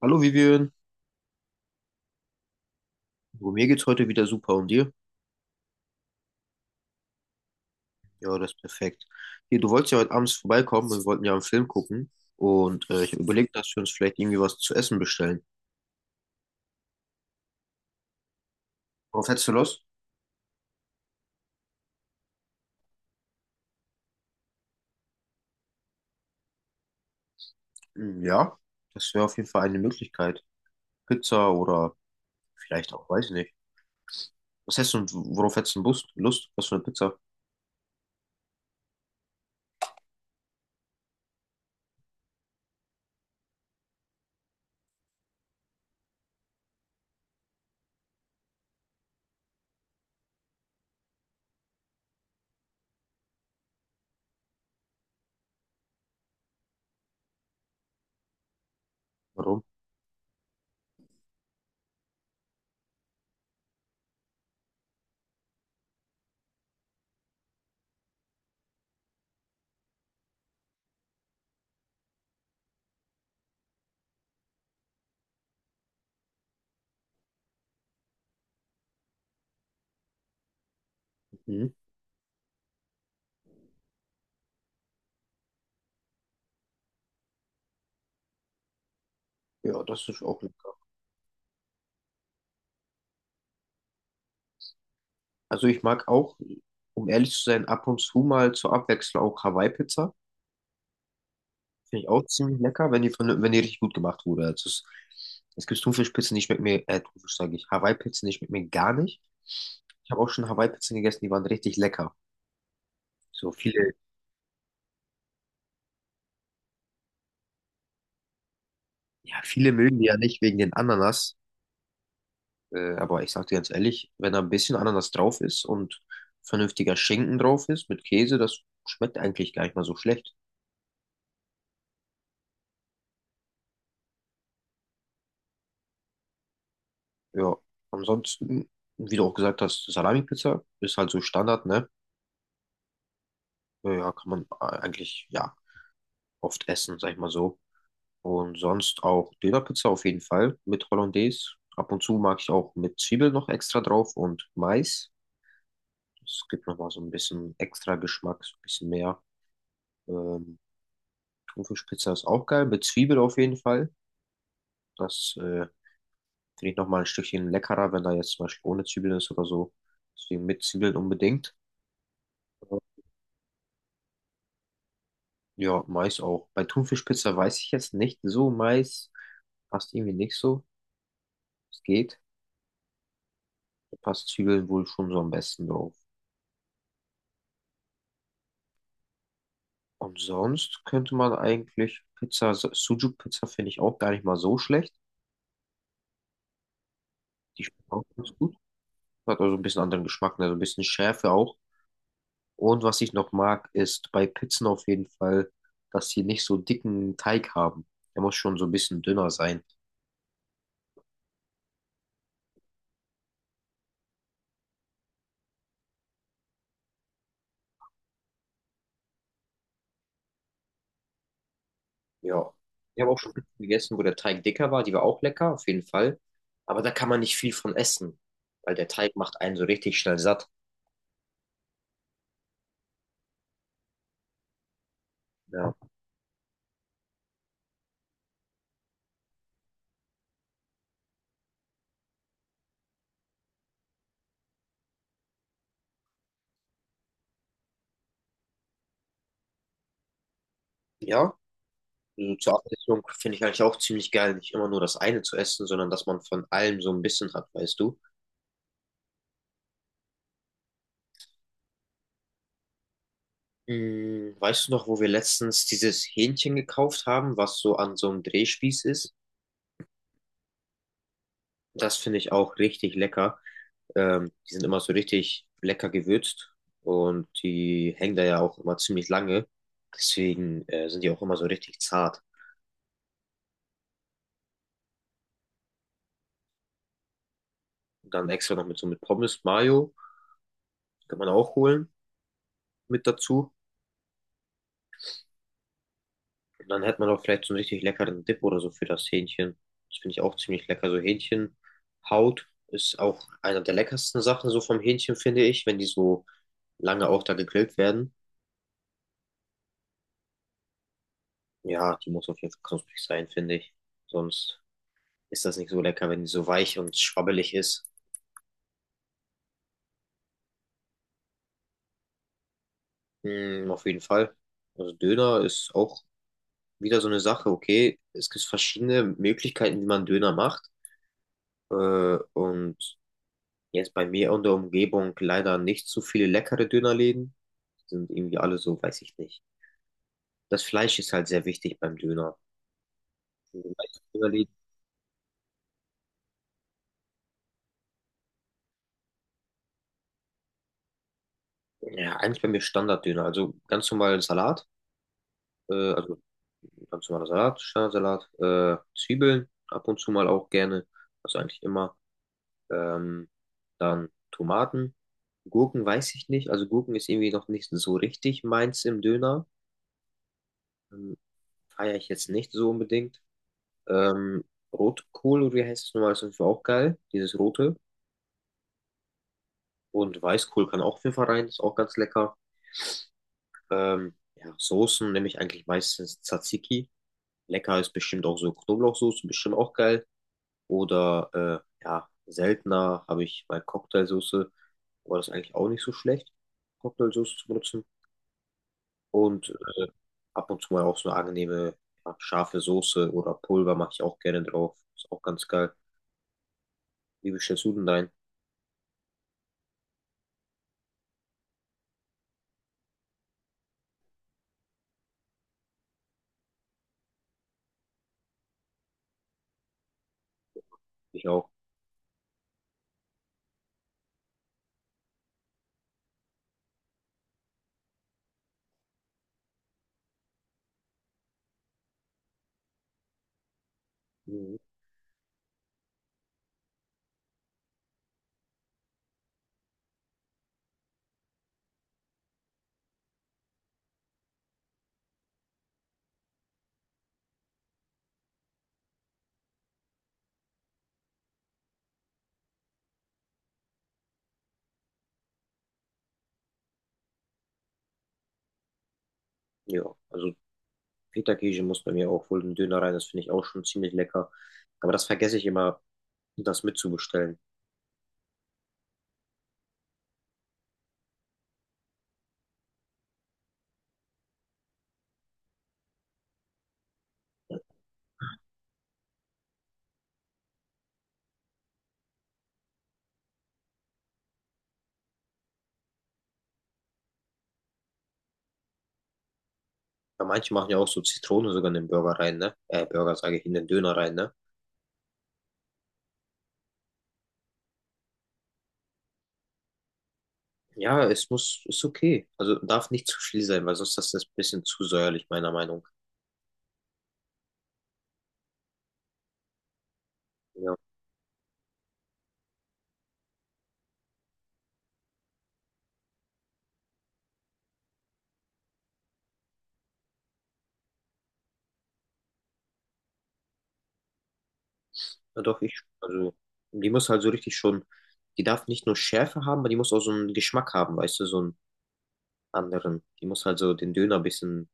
Hallo Vivian, oh, mir geht's heute wieder super und dir? Ja, das ist perfekt. Hier, du wolltest ja heute abends vorbeikommen und wir wollten ja einen Film gucken und ich habe überlegt, dass wir uns vielleicht irgendwie was zu essen bestellen. Worauf hättest du Lust? Hm, ja, das wäre auf jeden Fall eine Möglichkeit. Pizza oder vielleicht auch, weiß ich nicht. Was hättest du, worauf hättest du Lust? Was für eine Pizza? Warum? Mhm. Ja, das ist auch lecker. Also ich mag auch, um ehrlich zu sein, ab und zu mal zur Abwechslung auch Hawaii-Pizza. Finde ich auch ziemlich lecker, wenn die, wenn die richtig gut gemacht wurde. Es gibt Thunfischpizzen, die schmecken mir, Hawaii-Pizzen, die schmecken mir gar nicht. Ich habe auch schon Hawaii-Pizzen gegessen, die waren richtig lecker. So viele, ja, viele mögen die ja nicht wegen den Ananas. Aber ich sage dir ganz ehrlich, wenn da ein bisschen Ananas drauf ist und vernünftiger Schinken drauf ist mit Käse, das schmeckt eigentlich gar nicht mal so schlecht. Ja, ansonsten, wie du auch gesagt hast, Salami-Pizza ist halt so Standard, ne? Ja, kann man eigentlich, ja, oft essen, sag ich mal so. Und sonst auch Dönerpizza auf jeden Fall mit Hollandaise. Ab und zu mag ich auch mit Zwiebel noch extra drauf und Mais. Es gibt nochmal so ein bisschen extra Geschmack, so ein bisschen mehr. Ähm, Thunfischpizza ist auch geil, mit Zwiebel auf jeden Fall. Das finde ich nochmal ein Stückchen leckerer, wenn da jetzt zum Beispiel ohne Zwiebeln ist oder so. Deswegen mit Zwiebeln unbedingt. Ja, Mais auch. Bei Thunfischpizza weiß ich jetzt nicht so. Mais passt irgendwie nicht so. Es geht. Da passt Zwiebeln wohl schon so am besten drauf. Und sonst könnte man eigentlich Pizza, Sujuk-Pizza finde ich auch gar nicht mal so schlecht. Die schmeckt auch ganz gut. Hat also ein bisschen anderen Geschmack, ne? Also ein bisschen Schärfe auch. Und was ich noch mag, ist bei Pizzen auf jeden Fall, dass sie nicht so dicken Teig haben. Der muss schon so ein bisschen dünner sein. Ja. Ich habe auch schon Pizzen gegessen, wo der Teig dicker war. Die war auch lecker, auf jeden Fall. Aber da kann man nicht viel von essen, weil der Teig macht einen so richtig schnell satt. Ja. Ja, so zur Abwechslung finde ich eigentlich auch ziemlich geil, nicht immer nur das eine zu essen, sondern dass man von allem so ein bisschen hat, weißt du? Hm, weißt du noch, wo wir letztens dieses Hähnchen gekauft haben, was so an so einem Drehspieß ist? Das finde ich auch richtig lecker. Die sind immer so richtig lecker gewürzt und die hängen da ja auch immer ziemlich lange. Deswegen sind die auch immer so richtig zart. Dann extra noch mit so mit Pommes, Mayo, kann man auch holen mit dazu. Und dann hat man auch vielleicht so einen richtig leckeren Dip oder so für das Hähnchen. Das finde ich auch ziemlich lecker. So Hähnchenhaut ist auch einer der leckersten Sachen so vom Hähnchen, finde ich, wenn die so lange auch da gegrillt werden. Ja, die muss auf jeden Fall knusprig sein, finde ich. Sonst ist das nicht so lecker, wenn die so weich und schwabbelig ist. Mm, auf jeden Fall. Also Döner ist auch wieder so eine Sache, okay. Es gibt verschiedene Möglichkeiten, wie man Döner macht. Äh, und jetzt bei mir in der Umgebung leider nicht so viele leckere Dönerläden. Die sind irgendwie alle so, weiß ich nicht. Das Fleisch ist halt sehr wichtig beim Döner. Die meisten Dönerläden, ja, eigentlich bei mir Standarddöner. Also ganz normalen Salat, äh, also ganz normaler Salat, Standardsalat, Zwiebeln, ab und zu mal auch gerne, also eigentlich immer. Ähm, dann Tomaten, Gurken weiß ich nicht. Also Gurken ist irgendwie noch nicht so richtig meins im Döner. Ähm, feiere ich jetzt nicht so unbedingt. Ähm, Rotkohl, oder wie heißt es nochmal, ist auf jeden Fall auch geil, dieses rote. Und Weißkohl kann auch auf jeden Fall rein, ist auch ganz lecker. Ja, Soßen nehme ich eigentlich meistens Tzatziki. Lecker ist bestimmt auch so Knoblauchsoße, bestimmt auch geil. Oder ja, seltener habe ich mal Cocktailsoße, aber das ist eigentlich auch nicht so schlecht, Cocktailsoße zu benutzen. Und äh, ab und zu mal auch so eine angenehme, ja, scharfe Soße oder Pulver mache ich auch gerne drauf. Ist auch ganz geil. Wie bestellst du denn dein? Ich auch. Mhm. Ja, also Feta-Käse muss bei mir auch wohl ein Döner rein, das finde ich auch schon ziemlich lecker. Aber das vergesse ich immer, das mitzubestellen. Weil manche machen ja auch so Zitrone sogar in den Burger rein, ne? In den Döner rein, ne? Ja, es muss, ist okay. Also darf nicht zu viel sein, weil sonst ist das ein bisschen zu säuerlich, meiner Meinung. Ja, ja doch, also die muss halt so richtig schon, die darf nicht nur Schärfe haben, aber die muss auch so einen Geschmack haben, weißt du, so einen anderen. Die muss halt so den Döner ein bisschen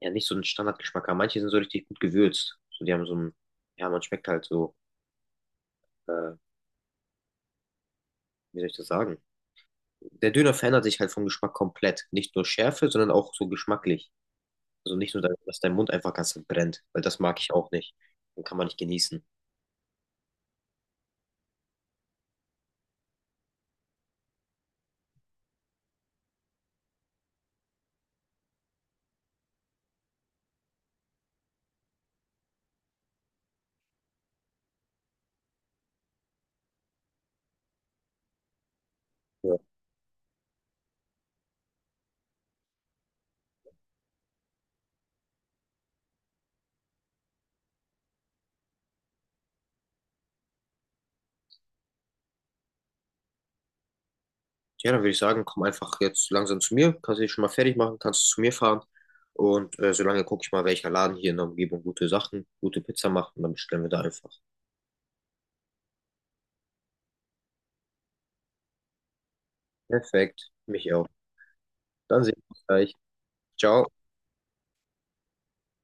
ja nicht so einen Standardgeschmack haben. Manche sind so richtig gut gewürzt. So, die haben so einen, ja, man schmeckt halt so, äh, wie soll ich das sagen? Der Döner verändert sich halt vom Geschmack komplett. Nicht nur Schärfe, sondern auch so geschmacklich. Also nicht nur, dass dein Mund einfach ganz brennt, weil das mag ich auch nicht. Dann kann man nicht genießen. Ja, ja dann würde ich sagen, komm einfach jetzt langsam zu mir, kannst dich schon mal fertig machen, kannst zu mir fahren. Und solange gucke ich mal, welcher Laden hier in der Umgebung gute Sachen, gute Pizza macht und dann bestellen wir da einfach. Perfekt, mich auch. Dann sehen wir uns gleich. Ciao.